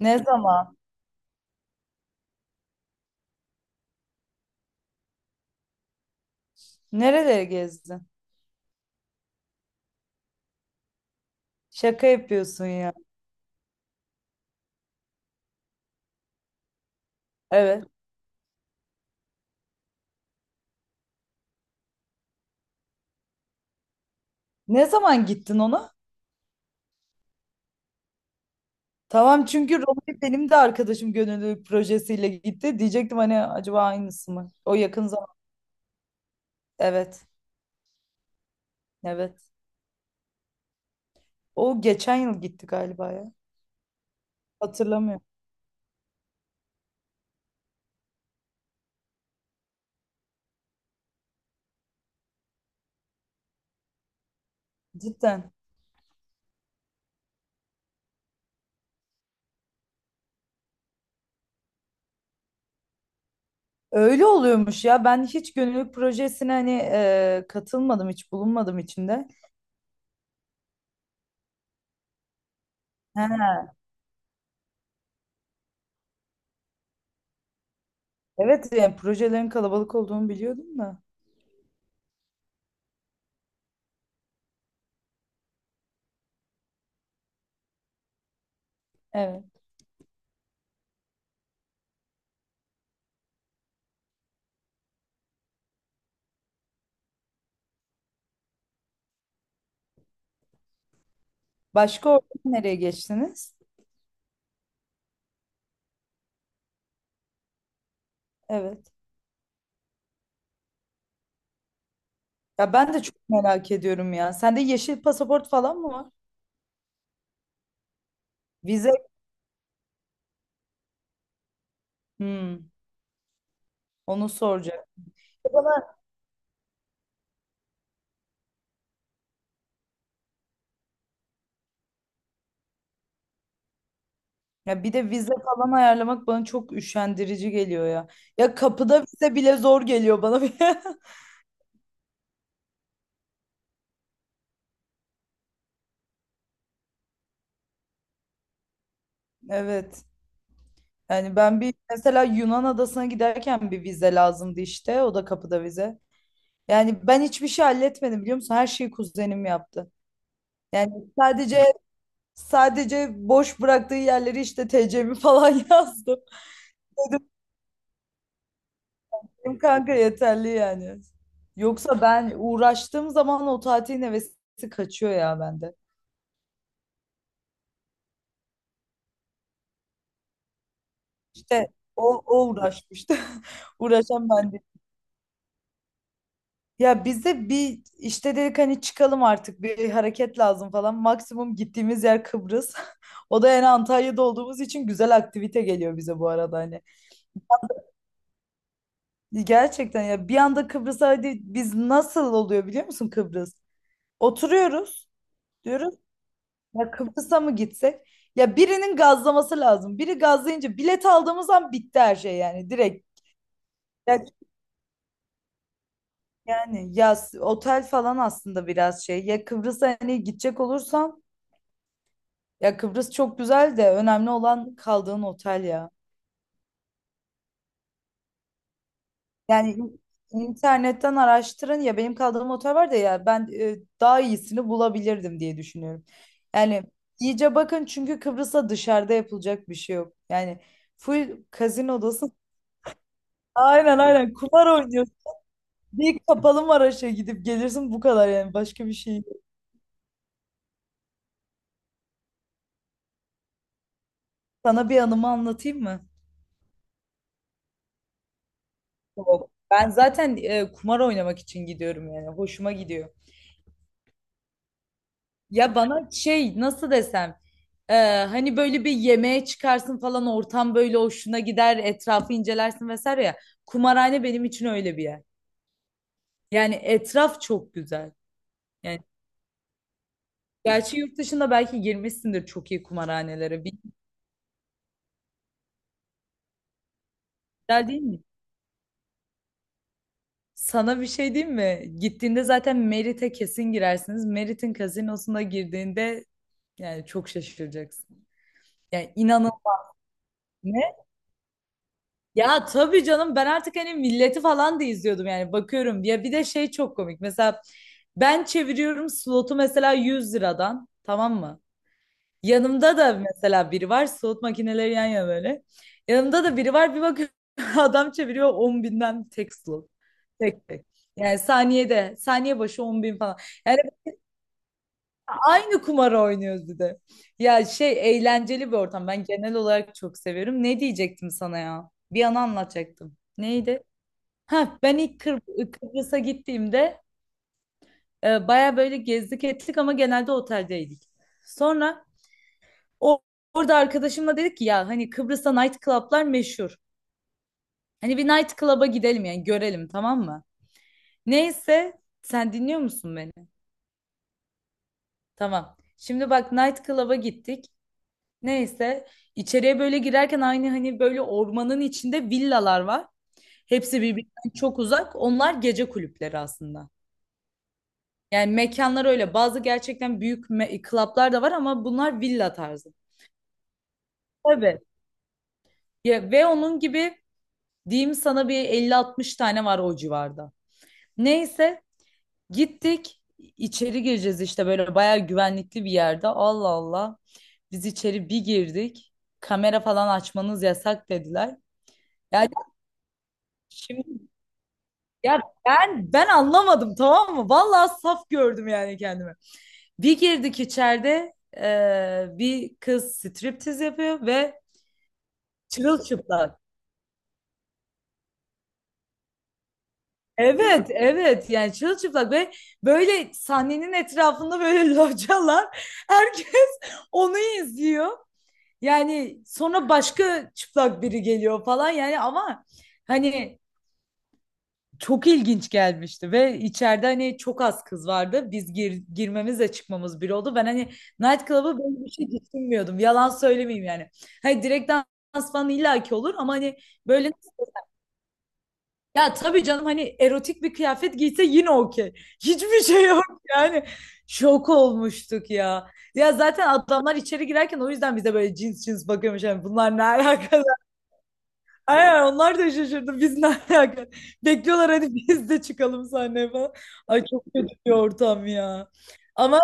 Ne zaman? Nereleri gezdin? Şaka yapıyorsun ya. Evet. Ne zaman gittin ona? Tamam, çünkü Roma'ya benim de arkadaşım gönüllülük projesiyle gitti. Diyecektim hani acaba aynısı mı? O yakın zaman. Evet. Evet. O geçen yıl gitti galiba ya. Hatırlamıyorum. Cidden. Öyle oluyormuş ya. Ben hiç gönüllülük projesine hani katılmadım, hiç bulunmadım içinde. He, evet, yani projelerin kalabalık olduğunu biliyordum da. Evet. Başka orada nereye geçtiniz? Evet. Ya ben de çok merak ediyorum ya. Sende yeşil pasaport falan mı var? Vize. Hmm, onu soracak. Bir de bana, ya bir de vize falan ayarlamak bana çok üşendirici geliyor ya. Ya kapıda vize bile zor geliyor bana. Evet. Yani ben bir mesela Yunan adasına giderken bir vize lazımdı işte. O da kapıda vize. Yani ben hiçbir şey halletmedim biliyor musun? Her şeyi kuzenim yaptı. Yani sadece sadece boş bıraktığı yerleri işte TC'mi falan yazdım. Benim kanka yeterli yani. Yoksa ben uğraştığım zaman o tatilin hevesi kaçıyor ya bende. İşte o uğraşmıştı. Uğraşan ben değil. Ya bize bir işte dedik hani çıkalım artık bir hareket lazım falan. Maksimum gittiğimiz yer Kıbrıs. O da yani Antalya'da olduğumuz için güzel aktivite geliyor bize bu arada hani. Gerçekten ya bir anda Kıbrıs'a hadi biz nasıl oluyor biliyor musun Kıbrıs? Oturuyoruz. Diyoruz, ya Kıbrıs'a mı gitsek? Ya birinin gazlaması lazım. Biri gazlayınca bilet aldığımız an bitti her şey yani direkt. Ya- Yani ya otel falan aslında biraz şey. Ya Kıbrıs'a hani gidecek olursan ya Kıbrıs çok güzel de önemli olan kaldığın otel ya. Yani internetten araştırın ya, benim kaldığım otel var da ya ben daha iyisini bulabilirdim diye düşünüyorum. Yani iyice bakın çünkü Kıbrıs'a dışarıda yapılacak bir şey yok. Yani full kazino odası. Aynen aynen, kumar oynuyorsun. Bir kapalı Maraş'a gidip gelirsin bu kadar, yani başka bir şey yok. Sana bir anımı anlatayım mı? Yok. Ben zaten kumar oynamak için gidiyorum yani, hoşuma gidiyor. Ya bana şey nasıl desem e, hani böyle bir yemeğe çıkarsın falan, ortam böyle hoşuna gider, etrafı incelersin vesaire ya. Kumarhane benim için öyle bir yer. Yani etraf çok güzel. Yani gerçi yurt dışında belki girmişsindir çok iyi kumarhanelere. Bir güzel değil mi? Sana bir şey diyeyim mi? Gittiğinde zaten Merit'e kesin girersiniz. Merit'in kazinosuna girdiğinde yani çok şaşıracaksın. Yani inanın ne? Ya tabii canım, ben artık hani milleti falan da izliyordum yani, bakıyorum. Ya bir de şey çok komik. Mesela ben çeviriyorum slotu mesela 100 liradan, tamam mı? Yanımda da mesela biri var, slot makineleri yan yana böyle. Yanımda da biri var, bir bakıyorum adam çeviriyor 10 binden tek slot. Tek tek. Yani saniyede, saniye başı 10 bin falan. Yani aynı kumarı oynuyoruz bir de. Ya şey, eğlenceli bir ortam. Ben genel olarak çok seviyorum. Ne diyecektim sana ya? Bir an anlatacaktım. Neydi? Ha, ben ilk Kıbrıs'a gittiğimde baya böyle gezdik ettik ama genelde oteldeydik. Sonra o, orada arkadaşımla dedik ki ya hani Kıbrıs'ta night club'lar meşhur. Hani bir night club'a gidelim yani görelim, tamam mı? Neyse, sen dinliyor musun beni? Tamam. Şimdi bak, night club'a gittik. Neyse, içeriye böyle girerken aynı hani böyle ormanın içinde villalar var. Hepsi birbirinden çok uzak. Onlar gece kulüpleri aslında. Yani mekanlar öyle. Bazı gerçekten büyük club'lar da var ama bunlar villa tarzı. Tabii. Ya, ve onun gibi diyeyim sana bir elli 60 tane var o civarda. Neyse, gittik. İçeri gireceğiz işte böyle bayağı güvenlikli bir yerde. Allah Allah. Biz içeri bir girdik. Kamera falan açmanız yasak dediler. Yani şimdi, ya ben anlamadım tamam mı? Vallahi saf gördüm yani kendimi. Bir girdik içeride bir kız striptiz yapıyor ve çırılçıplak. Evet evet, yani çırılçıplak ve böyle sahnenin etrafında böyle localar, herkes onu izliyor. Yani sonra başka çıplak biri geliyor falan yani, ama hani çok ilginç gelmişti ve içeride hani çok az kız vardı. Biz girmemizle çıkmamız bir oldu. Ben hani nightclub'a böyle bir şey düşünmüyordum. Yalan söylemeyeyim yani. Hani direkt dans falan illaki olur ama hani böyle, ya tabii canım hani erotik bir kıyafet giyse yine okey. Hiçbir şey yok yani. Şok olmuştuk ya. Ya zaten adamlar içeri girerken o yüzden bize böyle cins cins bakıyormuş. Yani bunlar ne alaka? Aynen, onlar da şaşırdı. Biz ne alaka? Bekliyorlar hadi biz de çıkalım sahneye falan. Ay, çok kötü bir ortam ya. Ama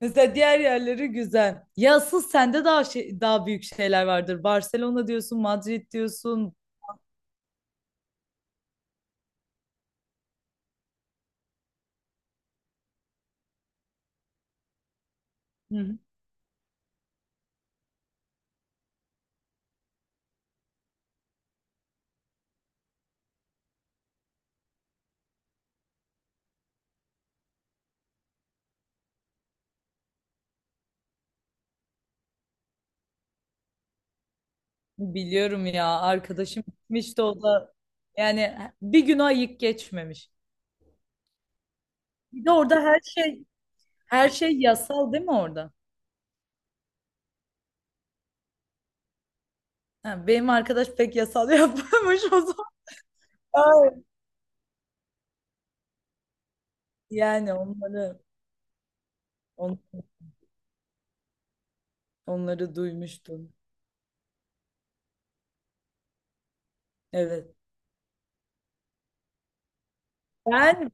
mesela diğer yerleri güzel. Ya asıl sende daha şey, daha büyük şeyler vardır. Barcelona diyorsun, Madrid diyorsun. Hı hı. Biliyorum ya, arkadaşım gitmişti o da. Yani bir gün ayık geçmemiş. Bir de orada her şey, her şey yasal değil mi orada? Ha, benim arkadaş pek yasal yapmamış o zaman. Ay. Yani onları onu Onları duymuştum. Evet. Ben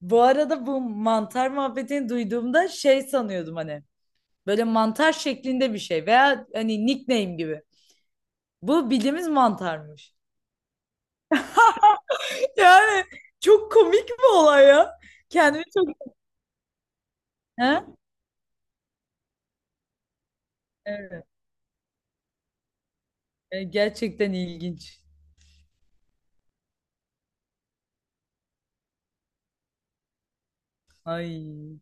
bu arada bu mantar muhabbetini duyduğumda şey sanıyordum hani. Böyle mantar şeklinde bir şey veya hani nickname gibi. Bu bildiğimiz mantarmış. Yani çok komik bir olay ya. Kendimi çok... Ha? Evet. Gerçekten ilginç. Ay.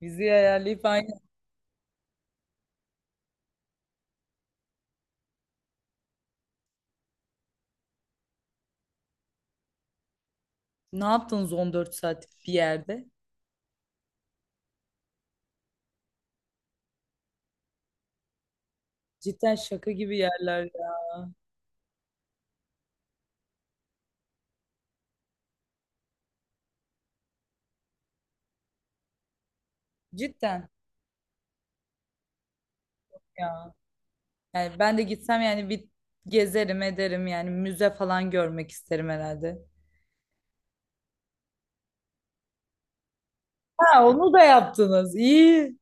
Bizi ayarlayıp aynı. Ne yaptınız 14 saatlik bir yerde? Cidden şaka gibi yerler ya. Cidden ya. Yani ben de gitsem yani bir gezerim ederim yani müze falan görmek isterim herhalde. Ha, onu da yaptınız. İyi.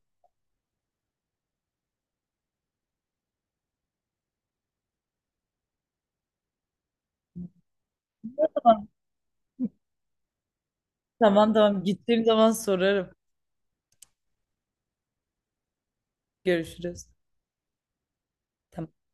Tamam tamam tamam. Gittiğim zaman sorarım. Görüşürüz. Tamam.